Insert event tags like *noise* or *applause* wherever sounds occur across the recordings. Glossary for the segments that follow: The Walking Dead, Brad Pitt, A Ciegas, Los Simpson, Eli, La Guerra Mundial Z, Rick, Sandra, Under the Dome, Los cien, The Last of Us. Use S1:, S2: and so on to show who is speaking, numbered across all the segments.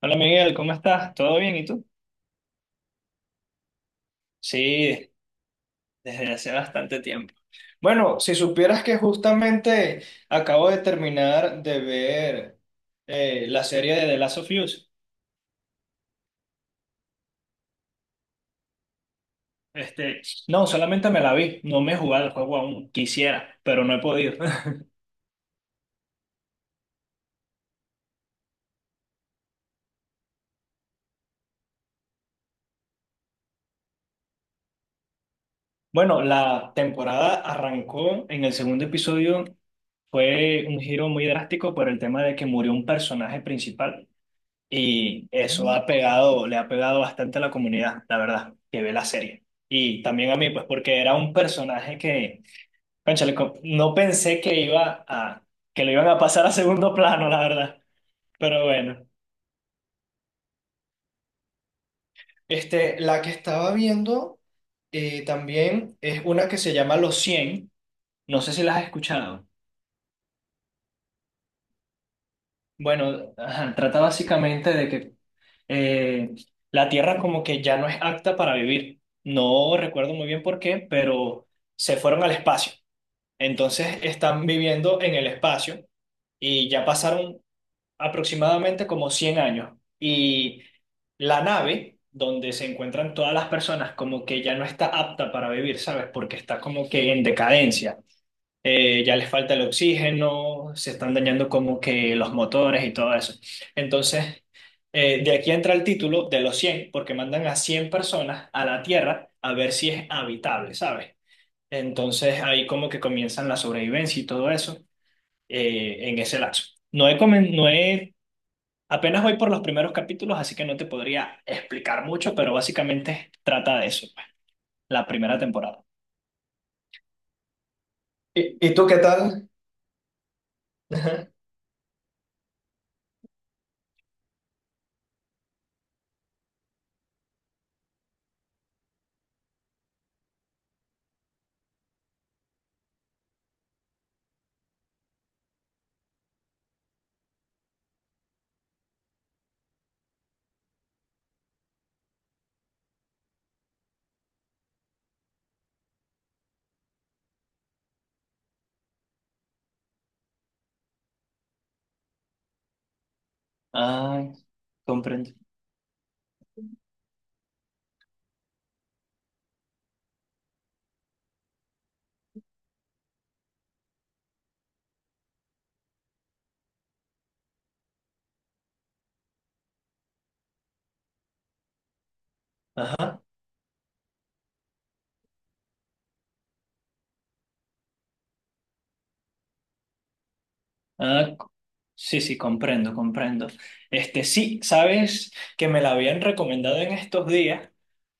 S1: Hola Miguel, ¿cómo estás? ¿Todo bien? ¿Y tú? Sí, desde hace bastante tiempo. Bueno, si supieras que justamente acabo de terminar de ver la serie de The Last of Us. Este, no, solamente me la vi, no me he jugado el juego aún. Quisiera, pero no he podido. *laughs* Bueno, la temporada arrancó en el segundo episodio. Fue un giro muy drástico por el tema de que murió un personaje principal. Y eso ha pegado, le ha pegado bastante a la comunidad, la verdad, que ve la serie. Y también a mí, pues porque era un personaje que, cónchale, no pensé que lo iban a pasar a segundo plano, la verdad. Pero bueno. La que estaba viendo también es una que se llama Los cien. No sé si la has escuchado. Bueno, ajá, trata básicamente de que eh, la tierra como que ya no es apta para vivir. No recuerdo muy bien por qué, pero se fueron al espacio. Entonces están viviendo en el espacio y ya pasaron aproximadamente como 100 años. Y la nave donde se encuentran todas las personas como que ya no está apta para vivir, ¿sabes? Porque está como que en decadencia, ya les falta el oxígeno, se están dañando como que los motores y todo eso. Entonces, de aquí entra el título de los cien porque mandan a 100 personas a la Tierra a ver si es habitable, ¿sabes? Entonces ahí como que comienzan la sobrevivencia y todo eso, en ese lapso. No he, comen- no he, apenas voy por los primeros capítulos, así que no te podría explicar mucho, pero básicamente trata de eso, pues, la primera temporada. ¿Y tú qué tal? *laughs* Ajá. Ay, comprendo. Ah, sí, sí, comprendo, comprendo. Sí, sabes que me la habían recomendado en estos días,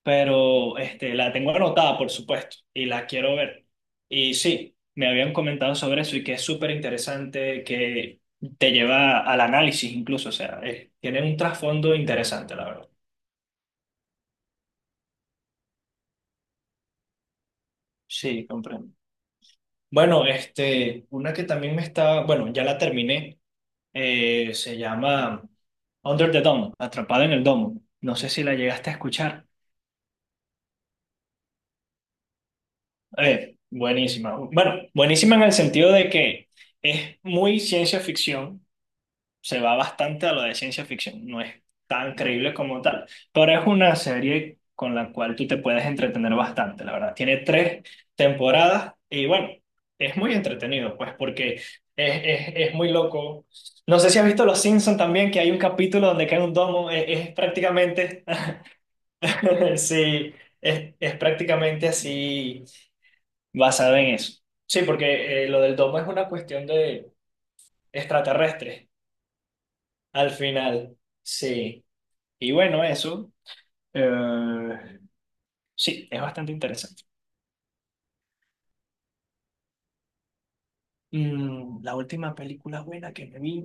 S1: pero la tengo anotada, por supuesto, y la quiero ver. Y sí, me habían comentado sobre eso y que es súper interesante, que te lleva al análisis incluso, o sea, tiene un trasfondo interesante, la verdad. Sí, comprendo. Bueno, una que también me está, bueno, ya la terminé. Se llama Under the Dome, Atrapada en el Domo. No sé si la llegaste a escuchar. Buenísima. Bueno, buenísima en el sentido de que es muy ciencia ficción, se va bastante a lo de ciencia ficción, no es tan creíble como tal, pero es una serie con la cual tú te puedes entretener bastante, la verdad. Tiene tres temporadas y bueno, es muy entretenido, pues porque es muy loco. No sé si has visto Los Simpson también, que hay un capítulo donde cae un domo, es prácticamente, *laughs* sí, es prácticamente así basado en eso. Sí, porque lo del domo es una cuestión de extraterrestres, al final, sí. Y bueno, eso, eh, sí, es bastante interesante. La última película buena que me vi.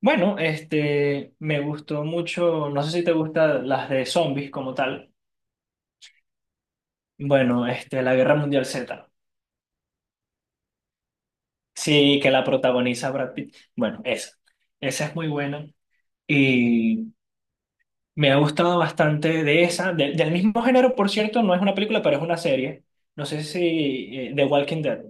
S1: Bueno, me gustó mucho, no sé si te gustan las de zombies como tal. Bueno, La Guerra Mundial Z. Sí, que la protagoniza Brad Pitt. Bueno, esa. Esa es muy buena. Y me ha gustado bastante de esa. Del mismo género, por cierto, no es una película, pero es una serie. No sé si The Walking Dead.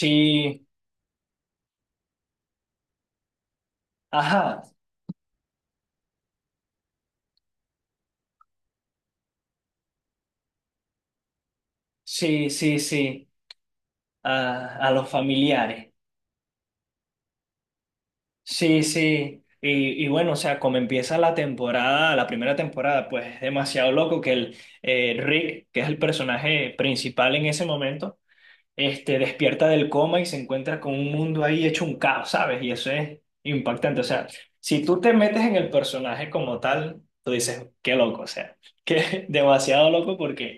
S1: Sí, ajá. Sí, sí, sí. A los familiares. Sí, sí. Y bueno, o sea, como empieza la temporada, la primera temporada, pues es demasiado loco que el Rick, que es el personaje principal en ese momento, despierta del coma y se encuentra con un mundo ahí hecho un caos, ¿sabes? Y eso es impactante. O sea, si tú te metes en el personaje como tal, tú dices, qué loco, o sea, que *laughs* demasiado loco porque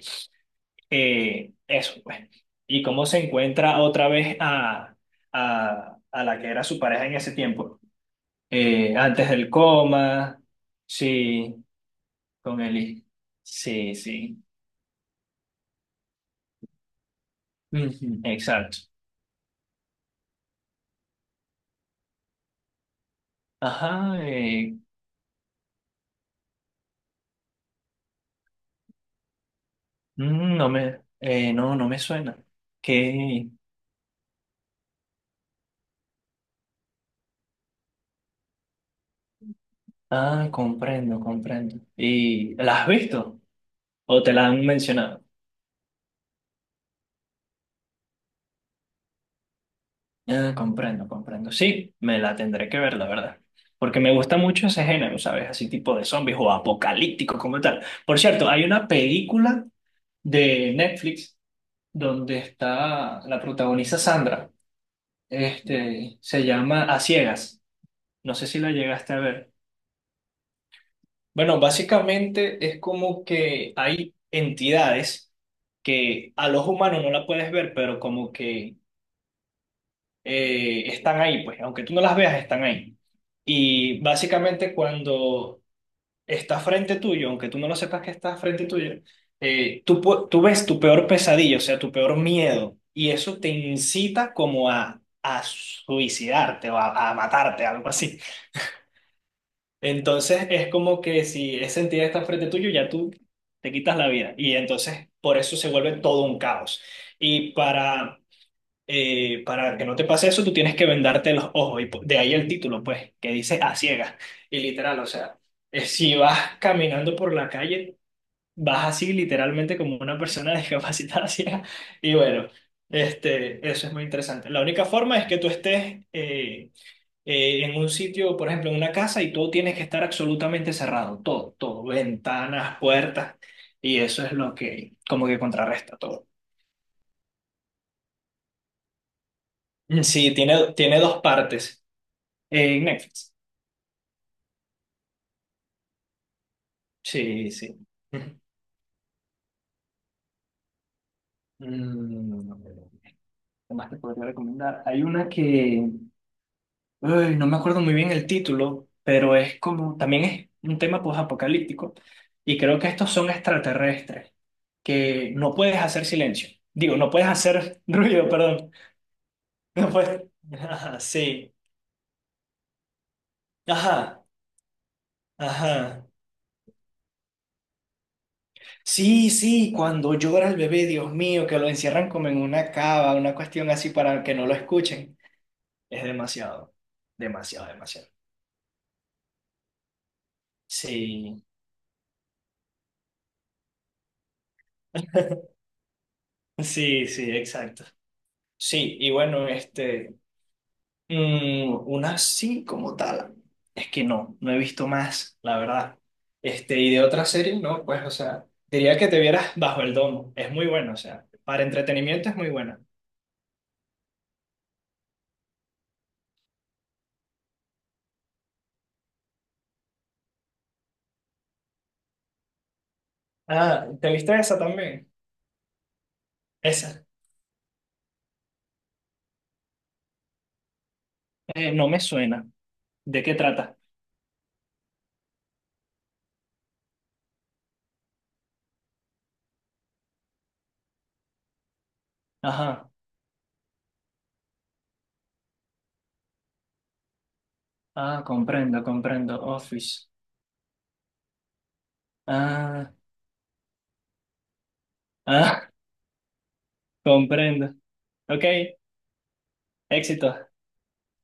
S1: Eso, pues. Y cómo se encuentra otra vez a, la que era su pareja en ese tiempo. Antes del coma, sí, con Eli. Sí, sí. Ujú, exacto. Ajá, no me suena. Que, comprendo, comprendo. ¿Y la has visto? ¿O te la han mencionado? Ah, comprendo, comprendo. Sí, me la tendré que ver, la verdad. Porque me gusta mucho ese género, ¿sabes? Así tipo de zombies o apocalíptico como tal. Por cierto, hay una película de Netflix donde está, la protagoniza Sandra. Se llama A Ciegas. No sé si la llegaste a ver. Bueno, básicamente es como que hay entidades que a los humanos no la puedes ver, pero como que están ahí, pues, aunque tú no las veas, están ahí. Y básicamente cuando está frente tuyo, aunque tú no lo sepas que está frente tuyo, tú ves tu peor pesadilla, o sea, tu peor miedo, y eso te incita como a, suicidarte o a matarte, algo así. Entonces es como que si esa entidad está frente tuyo, ya tú te quitas la vida. Y entonces por eso se vuelve todo un caos. Y para que no te pase eso, tú tienes que vendarte los ojos. Y de ahí el título, pues, que dice a ciegas. Y literal, o sea, si vas caminando por la calle, vas así literalmente como una persona *laughs* discapacitada ciega. Y bueno, eso es muy interesante. La única forma es que tú estés en un sitio, por ejemplo, en una casa, y todo tienes que estar absolutamente cerrado. Todo, todo. Ventanas, puertas. Y eso es lo que como que contrarresta todo. Mm, sí, tiene dos partes. En Netflix. Sí, sí. Ujú. Mm, ¿Qué más te podría recomendar? Hay una que, ay, no me acuerdo muy bien el título, pero es como, también es un tema posapocalíptico, y creo que estos son extraterrestres, que no puedes hacer silencio. Digo, no puedes hacer *laughs* ruido, perdón. No puedes. *laughs* Ajá, sí. Ajá, ajá. Sí, sí, cuando llora el bebé, Dios mío, que lo encierran como en una cava, una cuestión así para que no lo escuchen. Es demasiado, demasiado, demasiado. Sí, sí, sí, exacto. Sí, y bueno, una sí como tal, es que no, no he visto más, la verdad. Y de otra serie, no, pues, o sea, diría que te vieras Bajo el Domo, es muy buena, o sea, para entretenimiento es muy buena. Ah, ¿te viste esa también? Esa, no me suena. ¿De qué trata? Ajá, ah, comprendo, comprendo, Office. Ah, ah, *laughs* comprendo. Ok, éxito.